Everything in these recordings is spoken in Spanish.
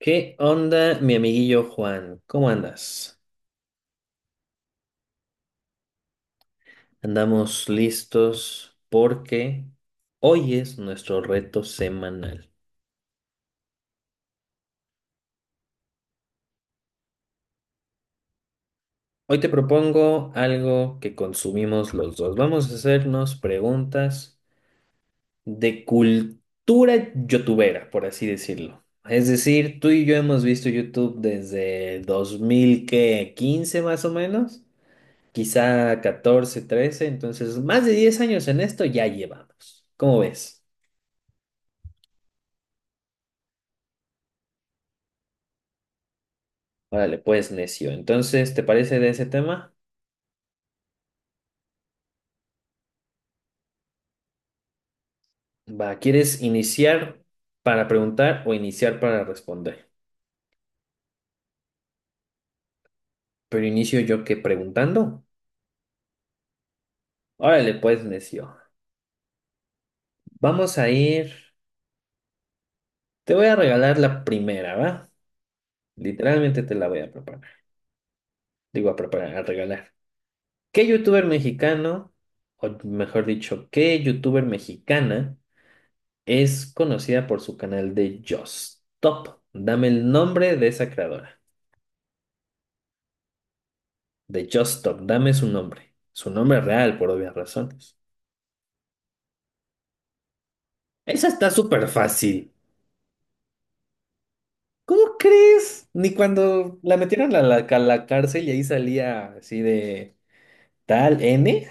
¿Qué onda, mi amiguillo Juan? ¿Cómo andas? Andamos listos porque hoy es nuestro reto semanal. Hoy te propongo algo que consumimos los dos. Vamos a hacernos preguntas de cultura youtubera, por así decirlo. Es decir, tú y yo hemos visto YouTube desde 2015 más o menos, quizá 14, 13, entonces más de 10 años en esto ya llevamos. ¿Cómo ves? Órale, pues, necio. Entonces, ¿te parece de ese tema? Va, ¿quieres iniciar para preguntar o iniciar para responder? Pero inicio yo que preguntando. Órale, pues, necio. Vamos a ir. Te voy a regalar la primera, ¿va? Literalmente te la voy a preparar. Digo, a preparar, a regalar. ¿Qué youtuber mexicano, o mejor dicho, qué youtuber mexicana es conocida por su canal de Just Top? Dame el nombre de esa creadora. De Just Stop. Dame su nombre. Su nombre real, por obvias razones. Esa está súper fácil. ¿Cómo crees? Ni cuando la metieron a la cárcel y ahí salía así de tal N.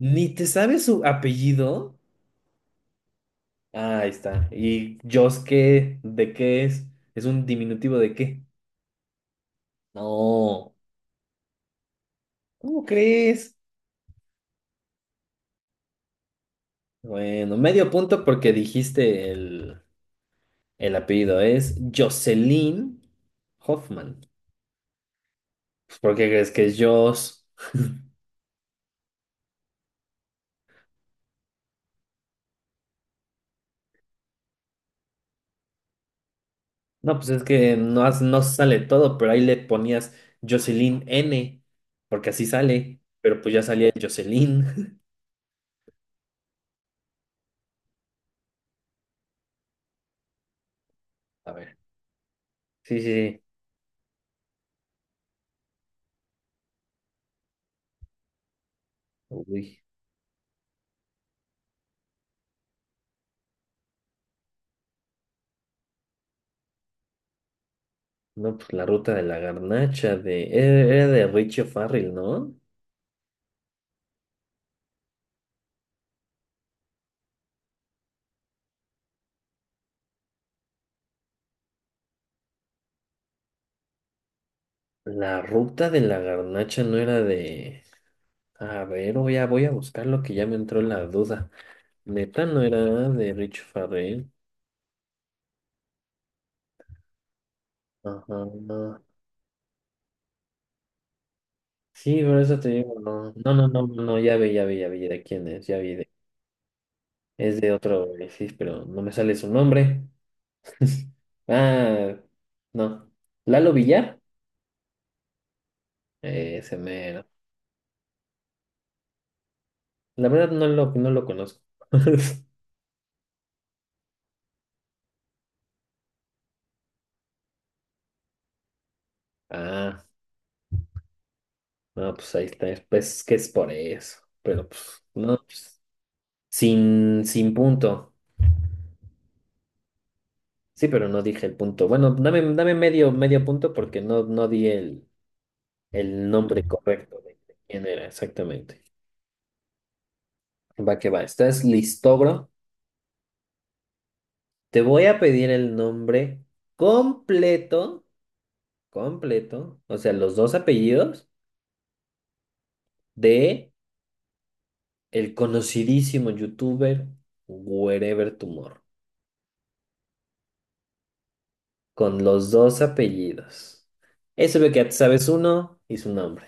Ni te sabes su apellido. Ah, ahí está. ¿Y Just qué? ¿De qué es? ¿Es un diminutivo de qué? No. ¿Cómo crees? Bueno, medio punto porque dijiste el apellido. Es Jocelyn Hoffman. ¿Por qué crees que es Joss? No, pues es que no, no sale todo, pero ahí le ponías Jocelyn N, porque así sale, pero pues ya salía Jocelyn. A ver. Sí, sí, sí. Uy, no, pues la ruta de la garnacha de... Era de Richie O'Farrell, ¿no? La ruta de la garnacha no era de... A ver, voy a buscar lo que ya me entró la duda. Neta no era de Richie Farrell. Ajá. Sí, por eso te digo, no, no, no, no, no, ya vi, ya vi, ya vi de quién es, es de otro, sí, pero no me sale su nombre. Ah, no. Lalo Villar, ese mero. La verdad no lo conozco. Ah, no, pues ahí está, pues que es por eso, pero pues, no, pues, sin punto. Sí, pero no dije el punto. Bueno, dame medio punto porque no di el nombre correcto de quién era exactamente. Va que va, ¿estás listogro? Te voy a pedir el nombre completo, completo, o sea, los dos apellidos de el conocidísimo youtuber Wherever Tumor, con los dos apellidos. Eso es lo que ya te sabes uno y su nombre.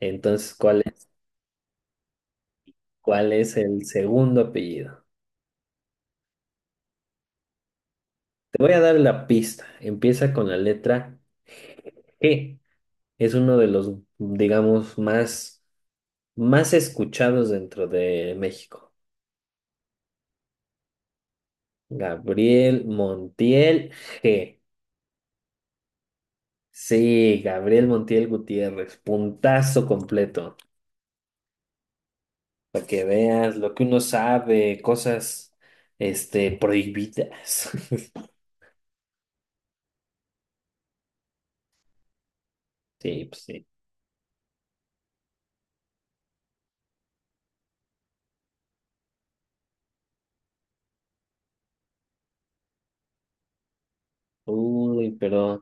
Entonces, cuál es el segundo apellido? Te voy a dar la pista. Empieza con la letra G. Es uno de los, digamos, más escuchados dentro de México. Gabriel Montiel G. Sí, Gabriel Montiel Gutiérrez, puntazo completo, para que veas lo que uno sabe, cosas, este, prohibidas. Sí, pues sí. Uy, pero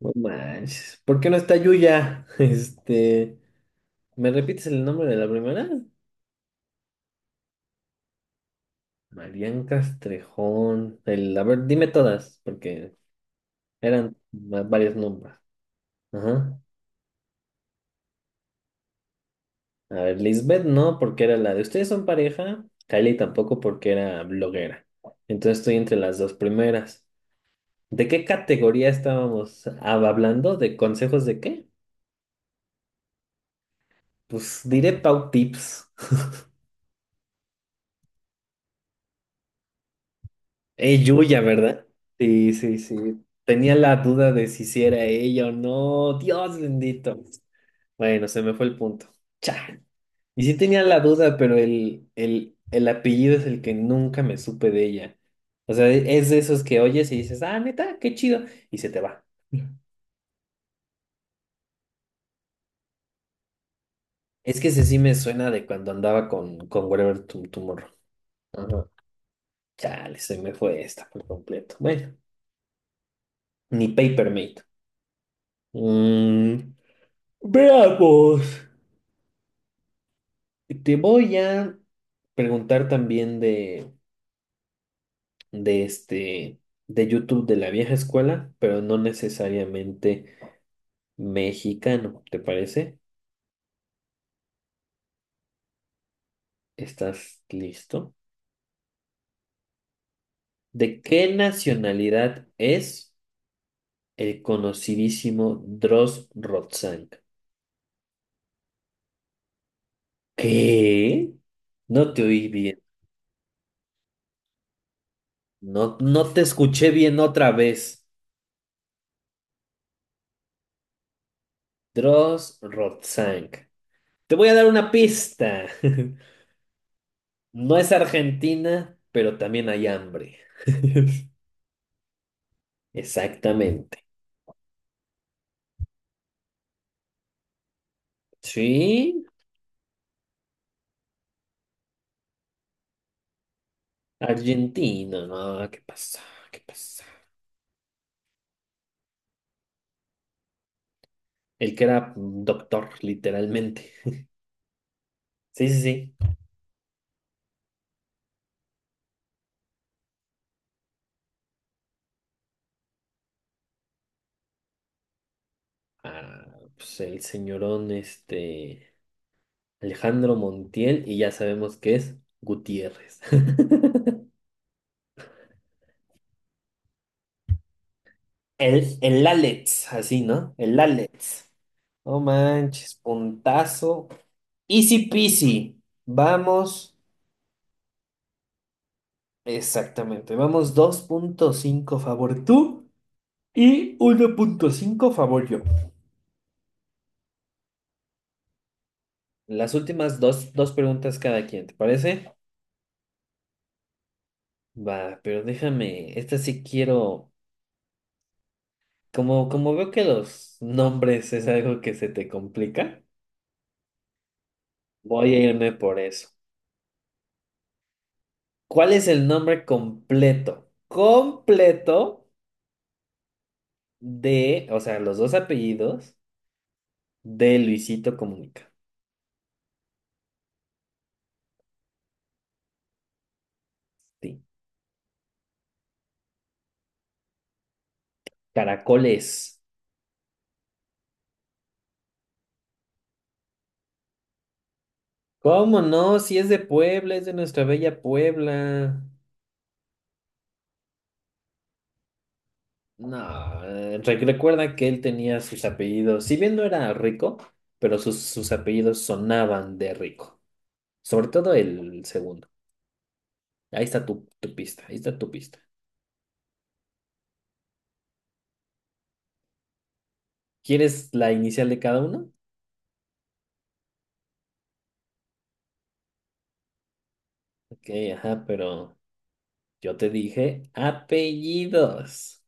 no manches. ¿Por qué no está Yuya? Este, ¿me repites el nombre de la primera? Marian Castrejón. El, a ver, dime todas, porque eran varios nombres. Ajá. A ver, Lisbeth no, porque era la de ustedes son pareja. Kylie tampoco, porque era bloguera. Entonces estoy entre las dos primeras. ¿De qué categoría estábamos hablando? ¿De consejos de qué? Pues diré Pau Tips. Es Yuya, ¿verdad? Sí, sí, sí. Tenía la duda de si sí era ella o no. Dios bendito. Bueno, se me fue el punto. Cha. Y sí tenía la duda, pero el apellido es el que nunca me supe de ella. O sea, es de esos que oyes y dices, ah, neta, qué chido, y se te va. Es que ese sí me suena de cuando andaba con Whatever Tomorrow. Ajá. Chale, se me fue esta por completo. Bueno, ni Papermate. Mm, veamos. Te voy a preguntar también de este, de YouTube de la vieja escuela, pero no necesariamente mexicano, ¿te parece? ¿Estás listo? ¿De qué nacionalidad es el conocidísimo Dross Rotzank? ¿Qué? No te oí bien. No, no te escuché bien otra vez. Dross Rotzank. Te voy a dar una pista. No es Argentina, pero también hay hambre. Exactamente. Sí, Argentina. No, ¿qué pasa? ¿Qué pasa? El que era doctor, literalmente. Sí, sí, sí. Ah, pues el señorón, este, Alejandro Montiel, y ya sabemos que es Gutiérrez. El Alex, así, ¿no? El Alex. No manches, puntazo. Easy peasy. Vamos, exactamente, vamos 2.5 favor tú y 1.5 favor yo. Las últimas dos preguntas cada quien, ¿te parece? Va, pero déjame, esta sí quiero, como veo que los nombres es algo que se te complica, voy a irme por eso. ¿Cuál es el nombre completo? Completo de, o sea, los dos apellidos de Luisito Comunica. Sí. Caracoles. ¿Cómo no? Si es de Puebla, es de nuestra bella Puebla. No, recuerda que él tenía sus apellidos, si bien no era rico, pero sus apellidos sonaban de rico. Sobre todo el segundo. Ahí está tu pista, ahí está tu pista. ¿Quieres la inicial de cada uno? Ok, ajá, pero yo te dije apellidos.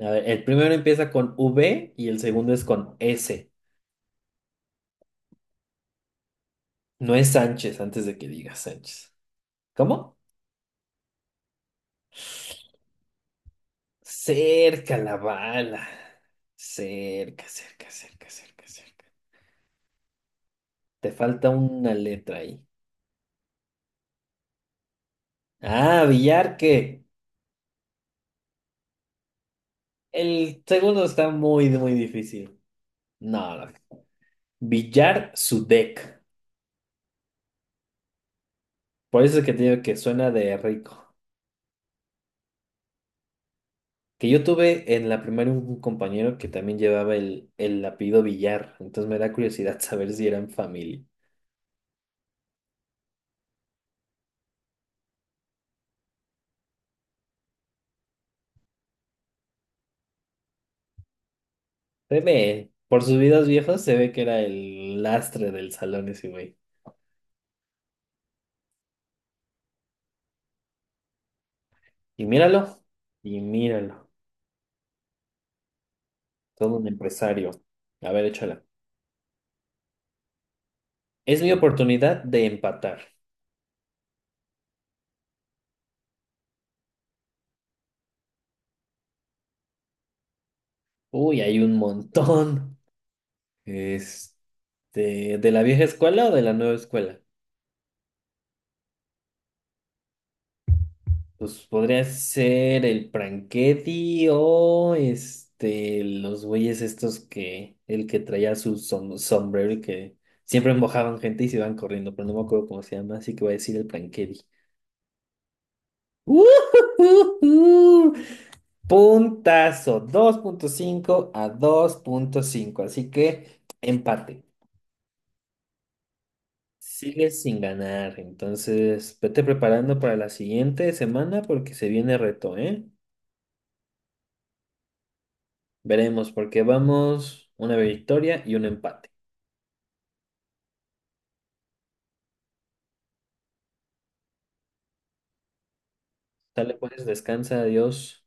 A ver, el primero empieza con V y el segundo es con S. No es Sánchez, antes de que digas Sánchez. ¿Cómo? Cerca la bala. Cerca, cerca, cerca, cerca, cerca. Te falta una letra ahí. Ah, Villarque. El segundo está muy, muy difícil. No, no. Villar Sudek. Por eso es que te digo que suena de rico. Que yo tuve en la primaria un compañero que también llevaba el apellido Villar. Entonces me da curiosidad saber si eran familia. Se ve, por sus videos viejos se ve que era el lastre del salón ese güey. Y míralo, y míralo. Todo un empresario. A ver, échala. Es mi oportunidad de empatar. Uy, hay un montón. Este, ¿de la vieja escuela o de la nueva escuela? Pues podría ser el Franchetti o este, los güeyes estos que, el que traía su sombrero y que siempre mojaban gente y se iban corriendo, pero no me acuerdo cómo se llama, así que voy a decir el Franchetti. ¡Ujujuju! Puntazo, 2.5 a 2.5 así que empate. Sigues sin ganar, entonces vete preparando para la siguiente semana porque se viene reto, ¿eh? Veremos, porque vamos una victoria y un empate. Sale pues, descansa, adiós.